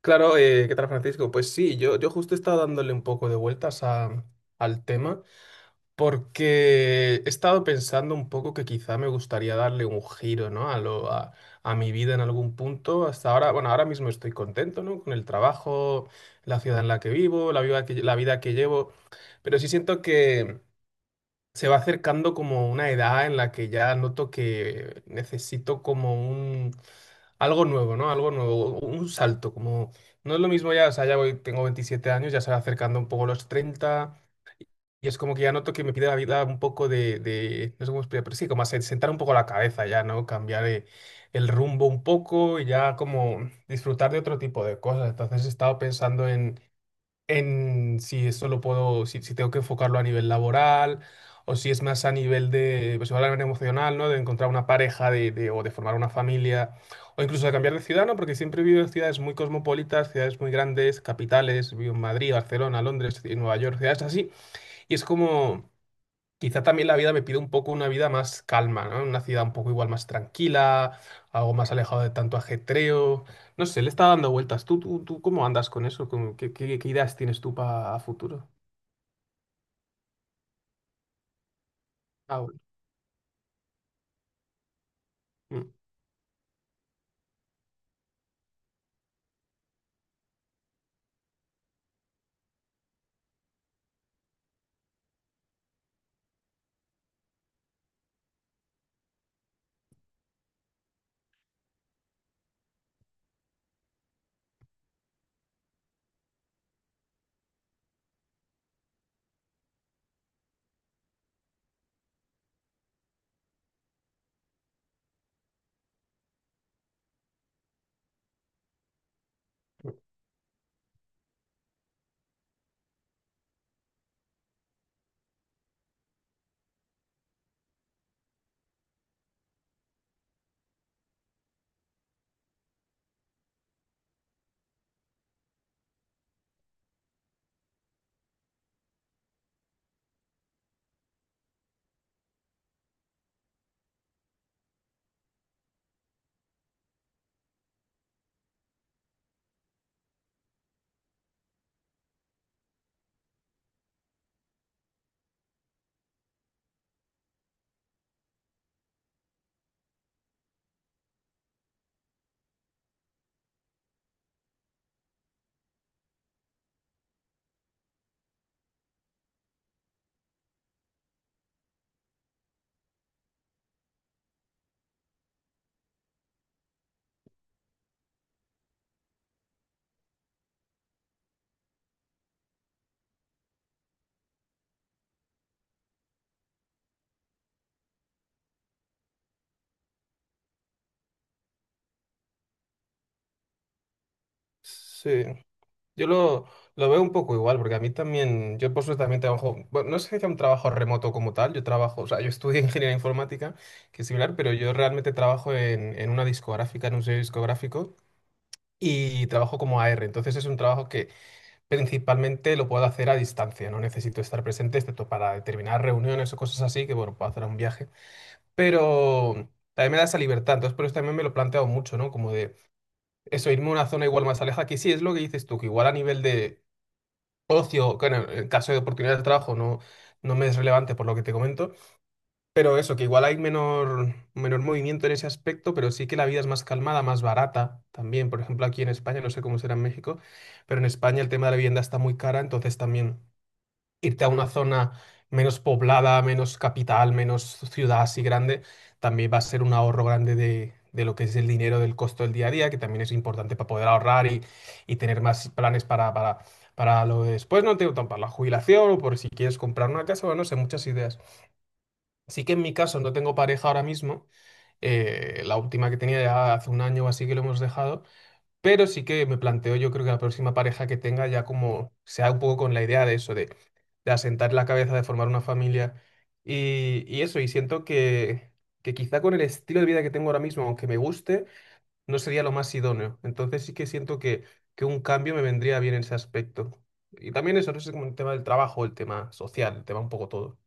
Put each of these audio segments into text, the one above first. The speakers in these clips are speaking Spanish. Claro, ¿qué tal, Francisco? Pues sí, yo justo he estado dándole un poco de vueltas al tema porque he estado pensando un poco que quizá me gustaría darle un giro, ¿no? A mi vida en algún punto. Hasta ahora, bueno, ahora mismo estoy contento, ¿no? Con el trabajo, la ciudad en la que vivo, la vida que llevo, pero sí siento, se va acercando como una edad en la que ya noto que necesito como un algo nuevo, ¿no? Algo nuevo, un salto, como no es lo mismo ya, o sea, ya voy, tengo 27 años, ya se va acercando un poco los 30 y es como que ya noto que me pide la vida un poco no sé cómo explicar, pero sí, como sentar un poco la cabeza ya, ¿no? Cambiar el rumbo un poco y ya como disfrutar de otro tipo de cosas. Entonces he estado pensando en si eso lo puedo, si tengo que enfocarlo a nivel laboral o si es más a nivel de, pues, igual a nivel emocional, ¿no? De encontrar una pareja o de formar una familia o incluso de cambiar de ciudad, ¿no? Porque siempre he vivido en ciudades muy cosmopolitas, ciudades muy grandes, capitales, vivo en Madrid, Barcelona, Londres, y Nueva York, ciudades así. Y es como, quizá también la vida me pide un poco una vida más calma, ¿no? Una ciudad un poco igual más tranquila, algo más alejado de tanto ajetreo. No sé, le está dando vueltas. ¿Tú cómo andas con eso? ¿Qué ideas tienes tú para futuro? Ah, bueno. Mm. Sí, yo lo, lo veo un poco igual, porque a mí también, yo por suerte también trabajo, bueno, no sé si sea un trabajo remoto como tal, yo trabajo, o sea, yo estudié ingeniería informática, que es similar, pero yo realmente trabajo en una discográfica, en un sello discográfico, y trabajo como AR, entonces es un trabajo que principalmente lo puedo hacer a distancia, no necesito estar presente, excepto para determinadas reuniones o cosas así, que bueno, puedo hacer un viaje. Pero también me da esa libertad, entonces por eso también me lo he planteado mucho, ¿no? Como de eso, irme a una zona igual más alejada, que sí es lo que dices tú, que igual a nivel de ocio, que en el en caso de oportunidades de trabajo no, no me es relevante por lo que te comento, pero eso, que igual hay menor, menor movimiento en ese aspecto, pero sí que la vida es más calmada, más barata también. Por ejemplo, aquí en España, no sé cómo será en México, pero en España el tema de la vivienda está muy cara, entonces también irte a una zona menos poblada, menos capital, menos ciudad así grande, también va a ser un ahorro grande de lo que es el dinero del costo del día a día, que también es importante para poder ahorrar y tener más planes para lo de después, ¿no? Tengo tan para la jubilación o por si quieres comprar una casa, o no sé, muchas ideas. Sí que en mi caso no tengo pareja ahora mismo, la última que tenía ya hace un año o así que lo hemos dejado. Pero sí que me planteo, yo creo que la próxima pareja que tenga ya como sea un poco con la idea de eso, de asentar la cabeza, de formar una familia y eso. Y siento que quizá con el estilo de vida que tengo ahora mismo, aunque me guste, no sería lo más idóneo. Entonces sí que siento que un cambio me vendría bien en ese aspecto. Y también eso, no sé, como el tema del trabajo, el tema social, el tema un poco todo.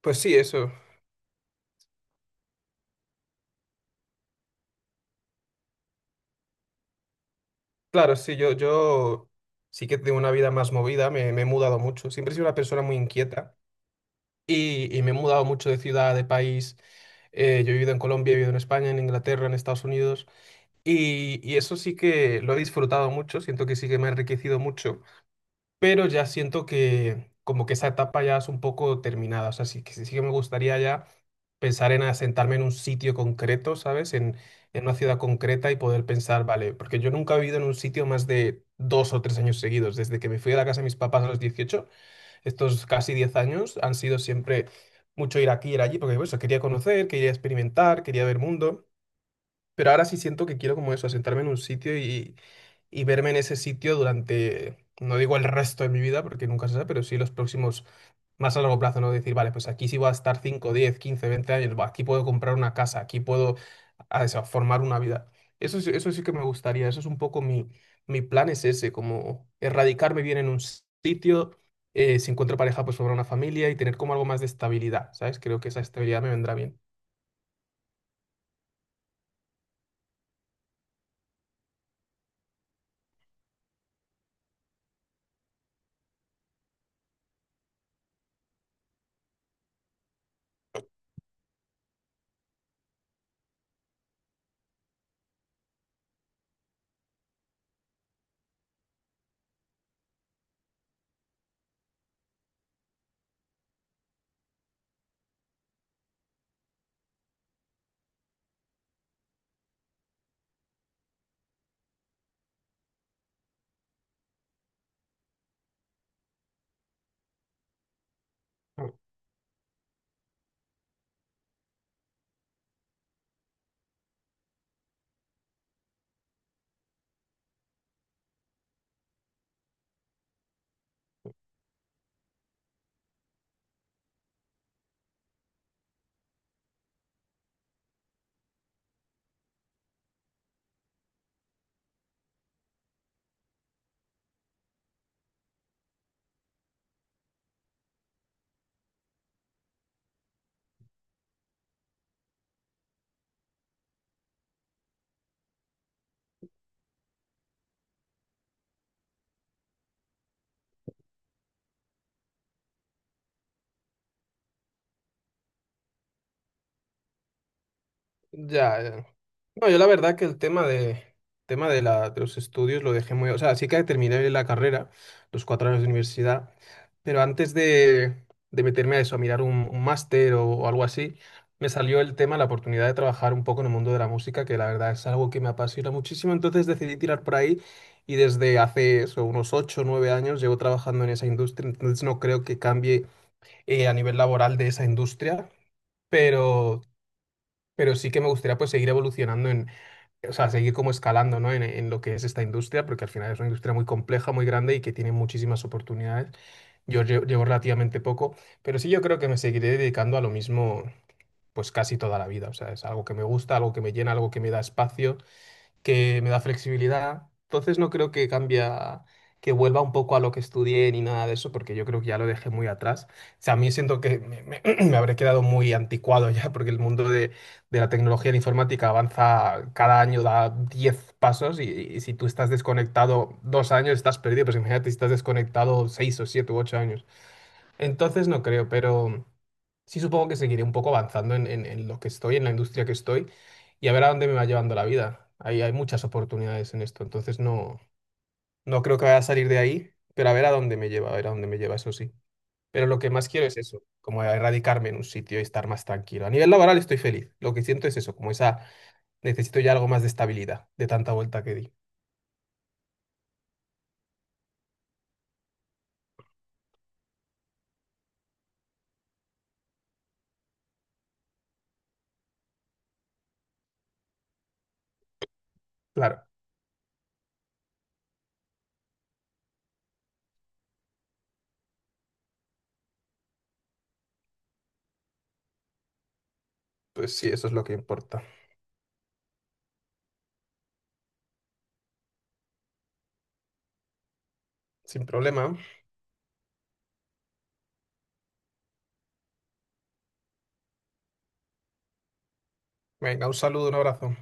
Pues sí, eso. Claro, sí, yo sí que tengo una vida más movida, me he mudado mucho. Siempre he sido una persona muy inquieta. Y, y me he mudado mucho de ciudad, de país. Yo he vivido en Colombia, he vivido en España, en Inglaterra, en Estados Unidos. Y eso sí que lo he disfrutado mucho, siento que sí que me ha enriquecido mucho, pero ya siento que como que esa etapa ya es un poco terminada, o sea, sí que me gustaría ya pensar en asentarme en un sitio concreto, ¿sabes? En una ciudad concreta y poder pensar, vale, porque yo nunca he vivido en un sitio más de dos o tres años seguidos, desde que me fui a la casa de mis papás a los 18, estos casi 10 años han sido siempre mucho ir aquí, ir allí, porque pues, quería conocer, quería experimentar, quería ver mundo. Pero ahora sí siento que quiero como eso, sentarme en un sitio y verme en ese sitio durante, no digo el resto de mi vida, porque nunca se sabe, pero sí los próximos, más a largo plazo, ¿no? Decir, vale, pues aquí sí voy a estar 5, 10, 15, 20 años, buah, aquí puedo comprar una casa, aquí puedo a eso, formar una vida. Eso, eso sí que me gustaría, eso es un poco mi, mi plan, es ese, como erradicarme bien en un sitio, si encuentro pareja, pues formar una familia y tener como algo más de estabilidad, ¿sabes? Creo que esa estabilidad me vendrá bien. Ya, ya. No, yo la verdad que el tema de la, de los estudios lo dejé muy, o sea, sí que terminé la carrera, los 4 años de universidad, pero antes de meterme a eso, a mirar un máster o algo así, me salió el tema, la oportunidad de trabajar un poco en el mundo de la música, que la verdad es algo que me apasiona muchísimo, entonces decidí tirar por ahí y desde hace eso, unos 8 o 9 años llevo trabajando en esa industria, entonces no creo que cambie a nivel laboral de esa industria. Pero pero sí que me gustaría pues seguir evolucionando en, o sea, seguir como escalando, ¿no? En lo que es esta industria, porque al final es una industria muy compleja, muy grande y que tiene muchísimas oportunidades. Yo llevo relativamente poco, pero sí yo creo que me seguiré dedicando a lo mismo pues casi toda la vida. O sea, es algo que me gusta, algo que me llena, algo que me da espacio, que me da flexibilidad. Entonces no creo que cambia, que vuelva un poco a lo que estudié ni nada de eso, porque yo creo que ya lo dejé muy atrás. O sea, a mí siento que me habré quedado muy anticuado ya, porque el mundo de la tecnología y la informática avanza cada año, da 10 pasos y si tú estás desconectado dos años, estás perdido. Pues imagínate si estás desconectado 6 o 7 u 8 años. Entonces no creo, pero sí supongo que seguiré un poco avanzando en, en lo que estoy, en la industria que estoy, y a ver a dónde me va llevando la vida. Ahí hay muchas oportunidades en esto, entonces no, no creo que vaya a salir de ahí, pero a ver a dónde me lleva, a ver a dónde me lleva, eso sí. Pero lo que más quiero es eso, como erradicarme en un sitio y estar más tranquilo. A nivel laboral estoy feliz, lo que siento es eso, como esa, necesito ya algo más de estabilidad, de tanta vuelta que di. Claro, pues sí, eso es lo que importa. Sin problema. Venga, un saludo, un abrazo.